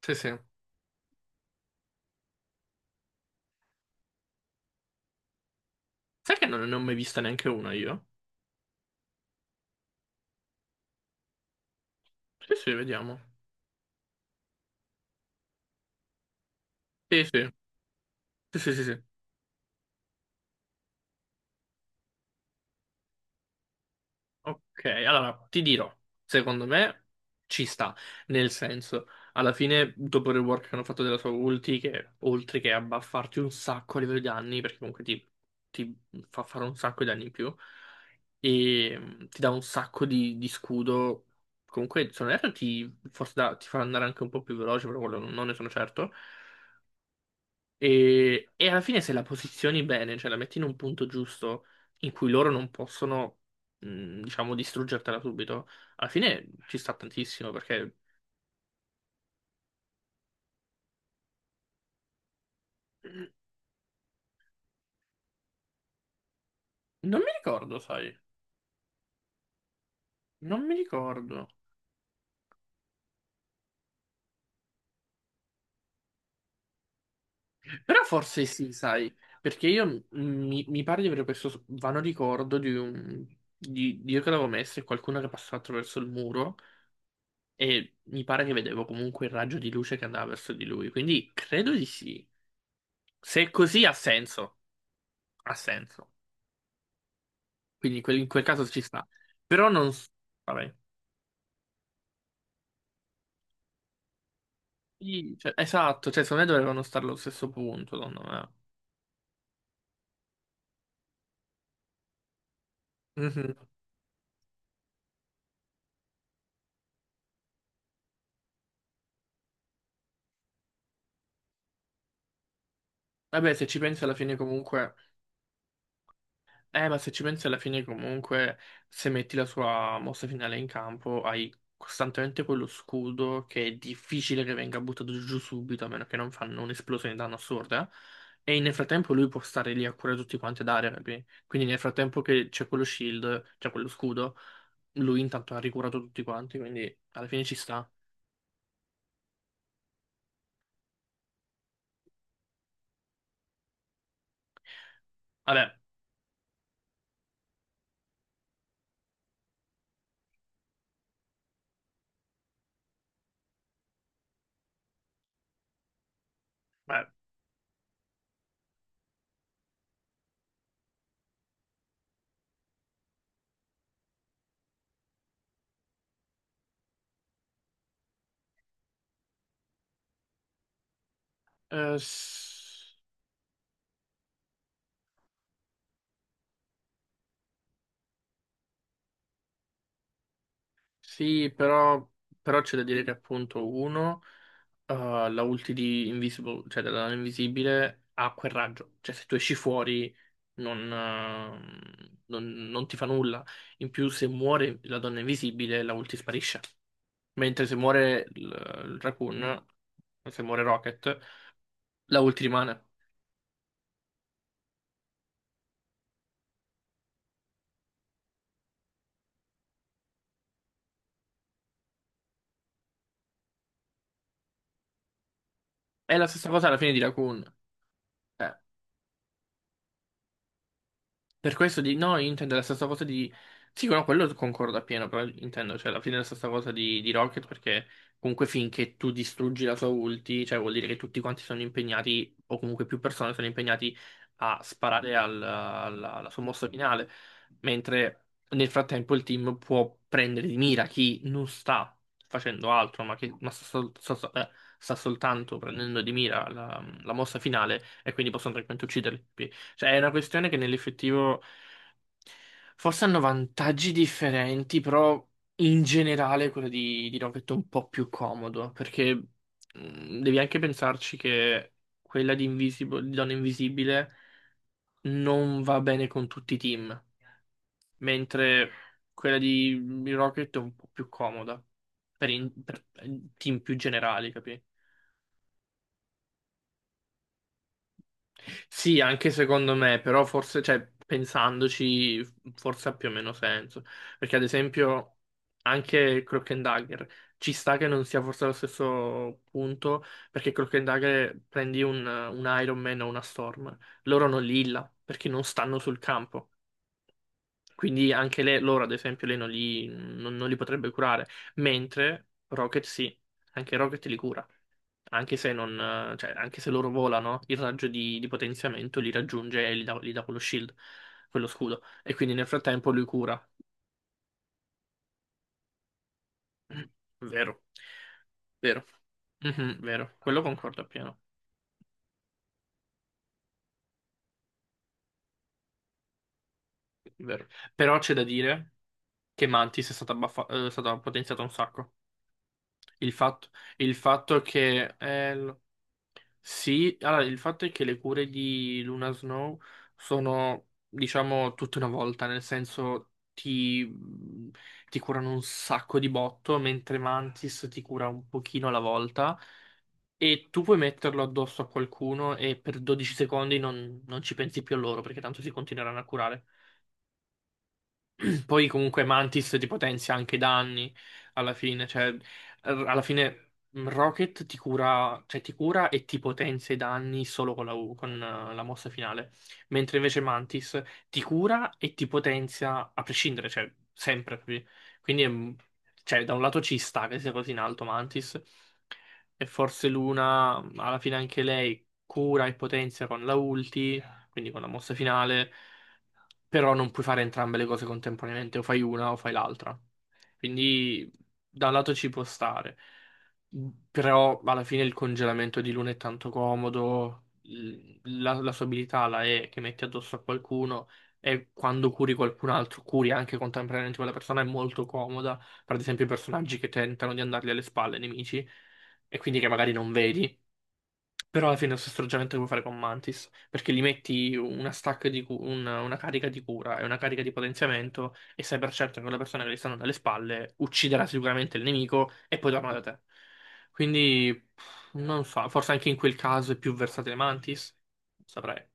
Sì, sì. Sai che non ne ho mai vista neanche una io? Sì, sì, vediamo. Sì, sì, sì, sì, sì, sì. Ok, allora ti dirò, secondo me ci sta, nel senso, alla fine dopo il rework che hanno fatto della sua ulti, che oltre che a buffarti un sacco a livello di danni, perché comunque ti fa fare un sacco di danni in più, e ti dà un sacco di scudo, comunque se non erro ti, forse ti fa andare anche un po' più veloce, però quello non ne sono certo. E alla fine se la posizioni bene, cioè la metti in un punto giusto in cui loro non possono, diciamo, distruggertela subito, alla fine ci sta tantissimo perché non mi ricordo, sai, non mi ricordo. Però forse sì, sai, perché io mi pare di avere questo vano ricordo di un... Di io che l'avevo messo e qualcuno che passava attraverso il muro e mi pare che vedevo comunque il raggio di luce che andava verso di lui, quindi credo di sì. Se è così ha senso. Ha senso. Quindi in quel caso ci sta. Però non... Vabbè. Sì, cioè, esatto, cioè secondo me dovevano stare allo stesso punto, secondo me. Mhm. Vabbè, se ci pensi alla fine comunque... Ma se ci pensi alla fine comunque, se metti la sua mossa finale in campo, hai costantemente quello scudo che è difficile che venga buttato giù subito, a meno che non fanno un'esplosione di danno assurda. E nel frattempo lui può stare lì a curare tutti quanti ad area, capi? Quindi nel frattempo che c'è quello shield, c'è quello scudo, lui intanto ha ricurato tutti quanti, quindi alla fine ci sta. Vabbè, beh, eh, Sì, però c'è da dire che appunto uno, la ulti di Invisible, cioè della nana invisibile, ha quel raggio. Cioè se tu esci fuori non ti fa nulla. In più se muore la donna invisibile, la ulti sparisce. Mentre se muore il Raccoon, se muore Rocket, la ulti rimane. È la stessa cosa alla fine di Raccoon. Eh, Per questo di... No, io intendo la stessa cosa di... Sì, no, quello concordo appieno, però intendo, cioè, alla fine è la stessa cosa di Rocket, perché comunque finché tu distruggi la sua ulti, cioè vuol dire che tutti quanti sono impegnati, o comunque più persone sono impegnati a sparare al- alla, alla sua mossa finale, mentre nel frattempo il team può prendere di mira chi non sta facendo altro, ma che ma sta soltanto prendendo di mira la, la mossa finale, e quindi possono tranquillamente ucciderli. Cioè, è una questione che nell'effettivo forse hanno vantaggi differenti, però in generale quello di Rocket è un po' più comodo, perché devi anche pensarci che quella di, Invisible, di Donna Invisibile non va bene con tutti i team, mentre quella di Rocket è un po' più comoda per team più generali, capi? Sì, anche secondo me, però forse, cioè, pensandoci, forse ha più o meno senso. Perché ad esempio anche Cloak and Dagger ci sta che non sia forse allo stesso punto, perché Cloak and Dagger prendi un Iron Man o una Storm, loro non li illa, perché non stanno sul campo. Quindi anche lei, loro ad esempio, lei non li potrebbe curare, mentre Rocket sì, anche Rocket li cura anche se non, cioè, anche se loro volano, il raggio di potenziamento li raggiunge e gli dà quello shield, quello scudo. E quindi nel frattempo lui cura. Vero, vero. Mhm, vero, quello concordo appieno, vero. Però c'è da dire che Mantis è stata, baffa- è stata potenziata un sacco. Il fatto, il fatto che... Sì, allora il fatto è che le cure di Luna Snow sono, diciamo, tutta una volta, nel senso ti curano un sacco di botto, mentre Mantis ti cura un pochino alla volta e tu puoi metterlo addosso a qualcuno e per 12 secondi non ci pensi più a loro perché tanto si continueranno a curare. Poi comunque Mantis ti potenzia anche i danni alla fine, cioè alla fine Rocket ti cura, cioè ti cura e ti potenzia i danni solo con la mossa finale, mentre invece Mantis ti cura e ti potenzia a prescindere, cioè sempre. Capi? Quindi è cioè, da un lato ci sta che sia così in alto Mantis e forse Luna alla fine anche lei cura e potenzia con la ulti, quindi con la mossa finale però non puoi fare entrambe le cose contemporaneamente, o fai una o fai l'altra. Quindi da un lato ci può stare, però alla fine il congelamento di Luna è tanto comodo, l- la, la sua abilità la è che metti addosso a qualcuno e quando curi qualcun altro, curi anche contemporaneamente quella persona, è molto comoda, per ad esempio i personaggi che tentano di andargli alle spalle, ai nemici, e quindi che magari non vedi. Però alla fine è lo stesso ragionamento che puoi fare con Mantis, perché gli metti una stack di cu- una carica di cura e una carica di potenziamento e sai per certo che quella persona che gli stanno dalle spalle ucciderà sicuramente il nemico e poi torna da te. Quindi pff, non so, forse anche in quel caso è più versatile Mantis, non saprei.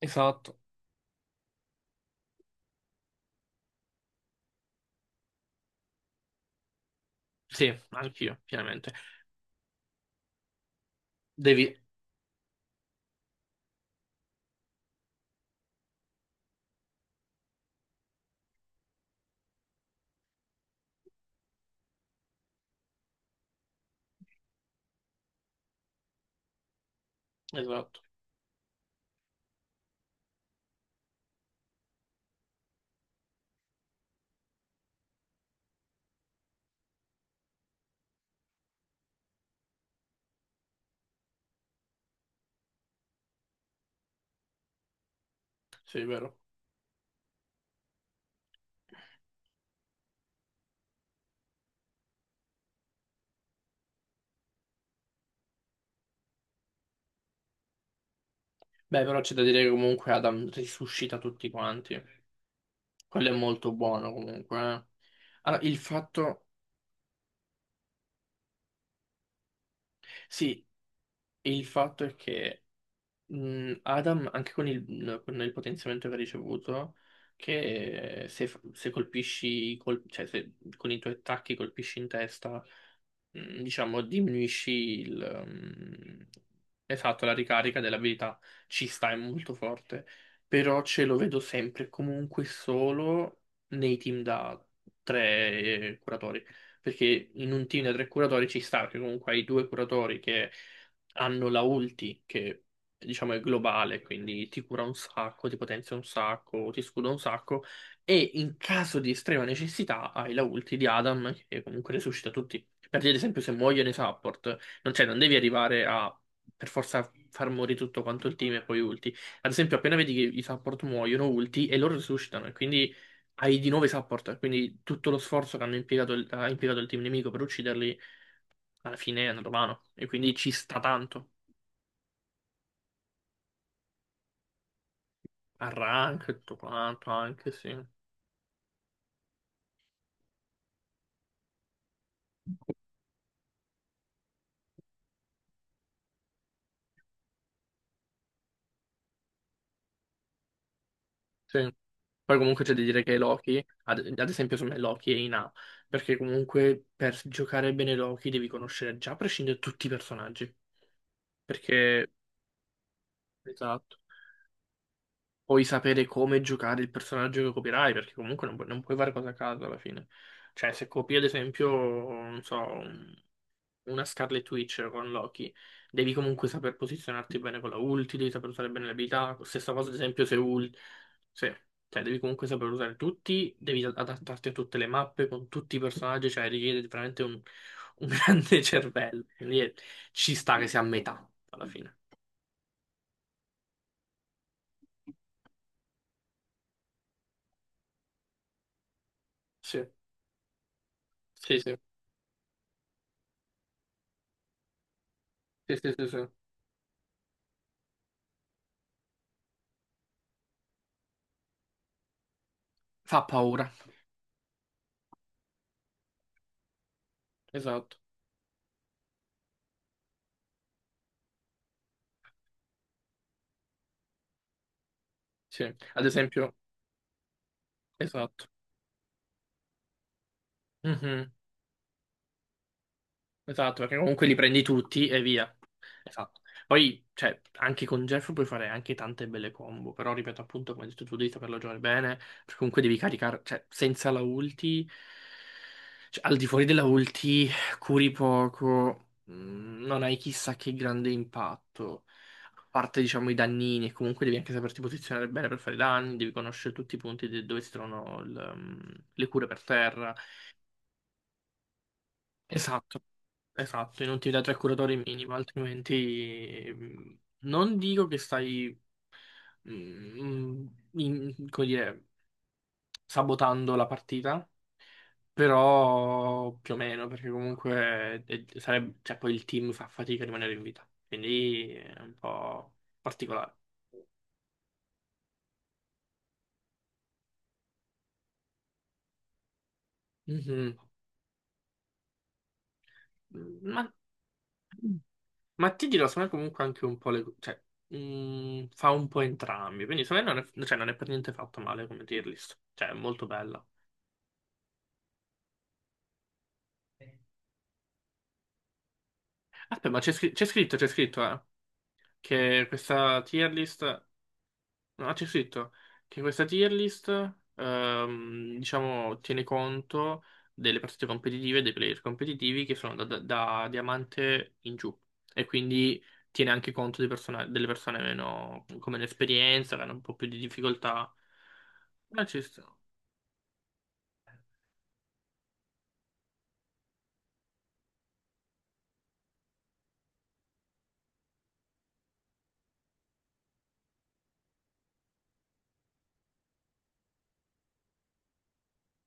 Esatto. Sì, anch'io, pienamente. Devi... Esatto, sì, è vero. Beh, però c'è da dire che comunque Adam risuscita tutti quanti. Quello è molto buono comunque. Allora, il fatto... Sì, e il fatto è che Adam, anche con il potenziamento che ha ricevuto, che se colpisci, cioè se con i tuoi attacchi colpisci in testa diciamo, diminuisci il, esatto, la ricarica dell'abilità. Ci sta, è molto forte. Però ce lo vedo sempre e comunque solo nei team da tre curatori. Perché in un team da tre curatori ci sta, che comunque hai due curatori che hanno la ulti, che diciamo è globale, quindi ti cura un sacco, ti potenzia un sacco, ti scuda un sacco e in caso di estrema necessità hai la ulti di Adam che comunque resuscita tutti. Per dire, ad esempio, se muoiono i support, non, cioè, non devi arrivare a per forza far morire tutto quanto il team e poi ulti. Ad esempio, appena vedi che i support muoiono, ulti e loro resuscitano, e quindi hai di nuovo i support. Quindi tutto lo sforzo che hanno impiegato il, ha impiegato il team nemico per ucciderli, alla fine è andato vano. E quindi ci sta tanto. A rank e tutto quanto, anche sì. Sì. Poi comunque c'è da dire che Loki, ad esempio secondo me Loki è in A, perché comunque per giocare bene Loki devi conoscere già a prescindere tutti i personaggi, perché... Esatto. Puoi sapere come giocare il personaggio che copierai, perché comunque non, non puoi fare cose a caso alla fine. Cioè, se copi ad esempio, non so, una Scarlet Witch con Loki, devi comunque saper posizionarti bene con la ulti, devi saper usare bene le abilità. Stessa cosa, ad esempio, se ult... Cioè, devi comunque saper usare tutti, devi adattarti a tutte le mappe, con tutti i personaggi, cioè richiede veramente un, grande cervello. Quindi ci sta che sia a metà, alla fine. Sì, sì, sì, sì, sì, sì, sì. Fa paura. Esatto, sì. Ad esempio, esatto. Mhm. Esatto, perché comunque li prendi tutti e via. Esatto. Poi, cioè, anche con Jeff puoi fare anche tante belle combo, però ripeto appunto, come hai detto tu, devi saperlo giocare bene, perché comunque devi caricare, cioè, senza la ulti, cioè, al di fuori della ulti, curi poco, non hai chissà che grande impatto, a parte, diciamo, i dannini, e comunque devi anche saperti posizionare bene per fare i danni, devi conoscere tutti i punti dove si trovano le cure per terra. Esatto. Esatto, e non ti dà tre curatori minimi, altrimenti non dico che stai, mh, come dire, sabotando la partita, però più o meno, perché comunque sarebbe- cioè, poi il team fa fatica a rimanere in vita, quindi è un po' particolare. Mhm. Ma, ma ti dirò, secondo me comunque anche un po' le... cioè, fa un po' entrambi, quindi secondo me non è, cioè, non è per niente fatto male come tier list, cioè è molto bella. Aspetta, ma c'è c'è scritto, che questa tier list, no, c'è scritto che questa tier list, diciamo, tiene conto delle partite competitive e dei player competitivi che sono da diamante in giù e quindi tiene anche conto dei delle persone meno, come l'esperienza, che hanno un po' più di difficoltà. Ma ci sta.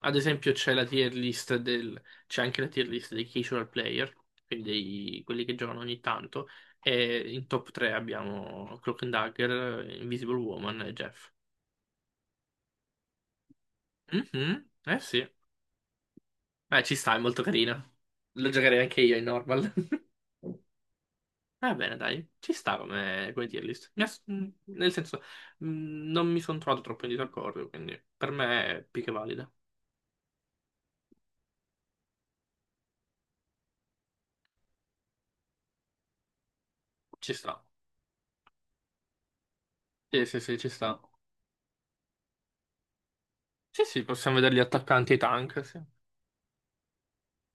Ad esempio c'è la tier list del, c'è anche la tier list dei casual player, quindi dei- quelli che giocano ogni tanto, e in top 3 abbiamo Cloak and Dagger, Invisible Woman e Jeff. Mhm, eh sì. Beh, ci sta, è molto carina. Lo giocherei anche io in normal. Va bene, dai, ci sta come, come tier list. Nel senso, non mi sono trovato troppo in disaccordo, quindi per me è più che valida. Ci sta. Sì, sì, sì, ci sta. Sì, sì, possiamo vedere gli attaccanti e i tank, sì.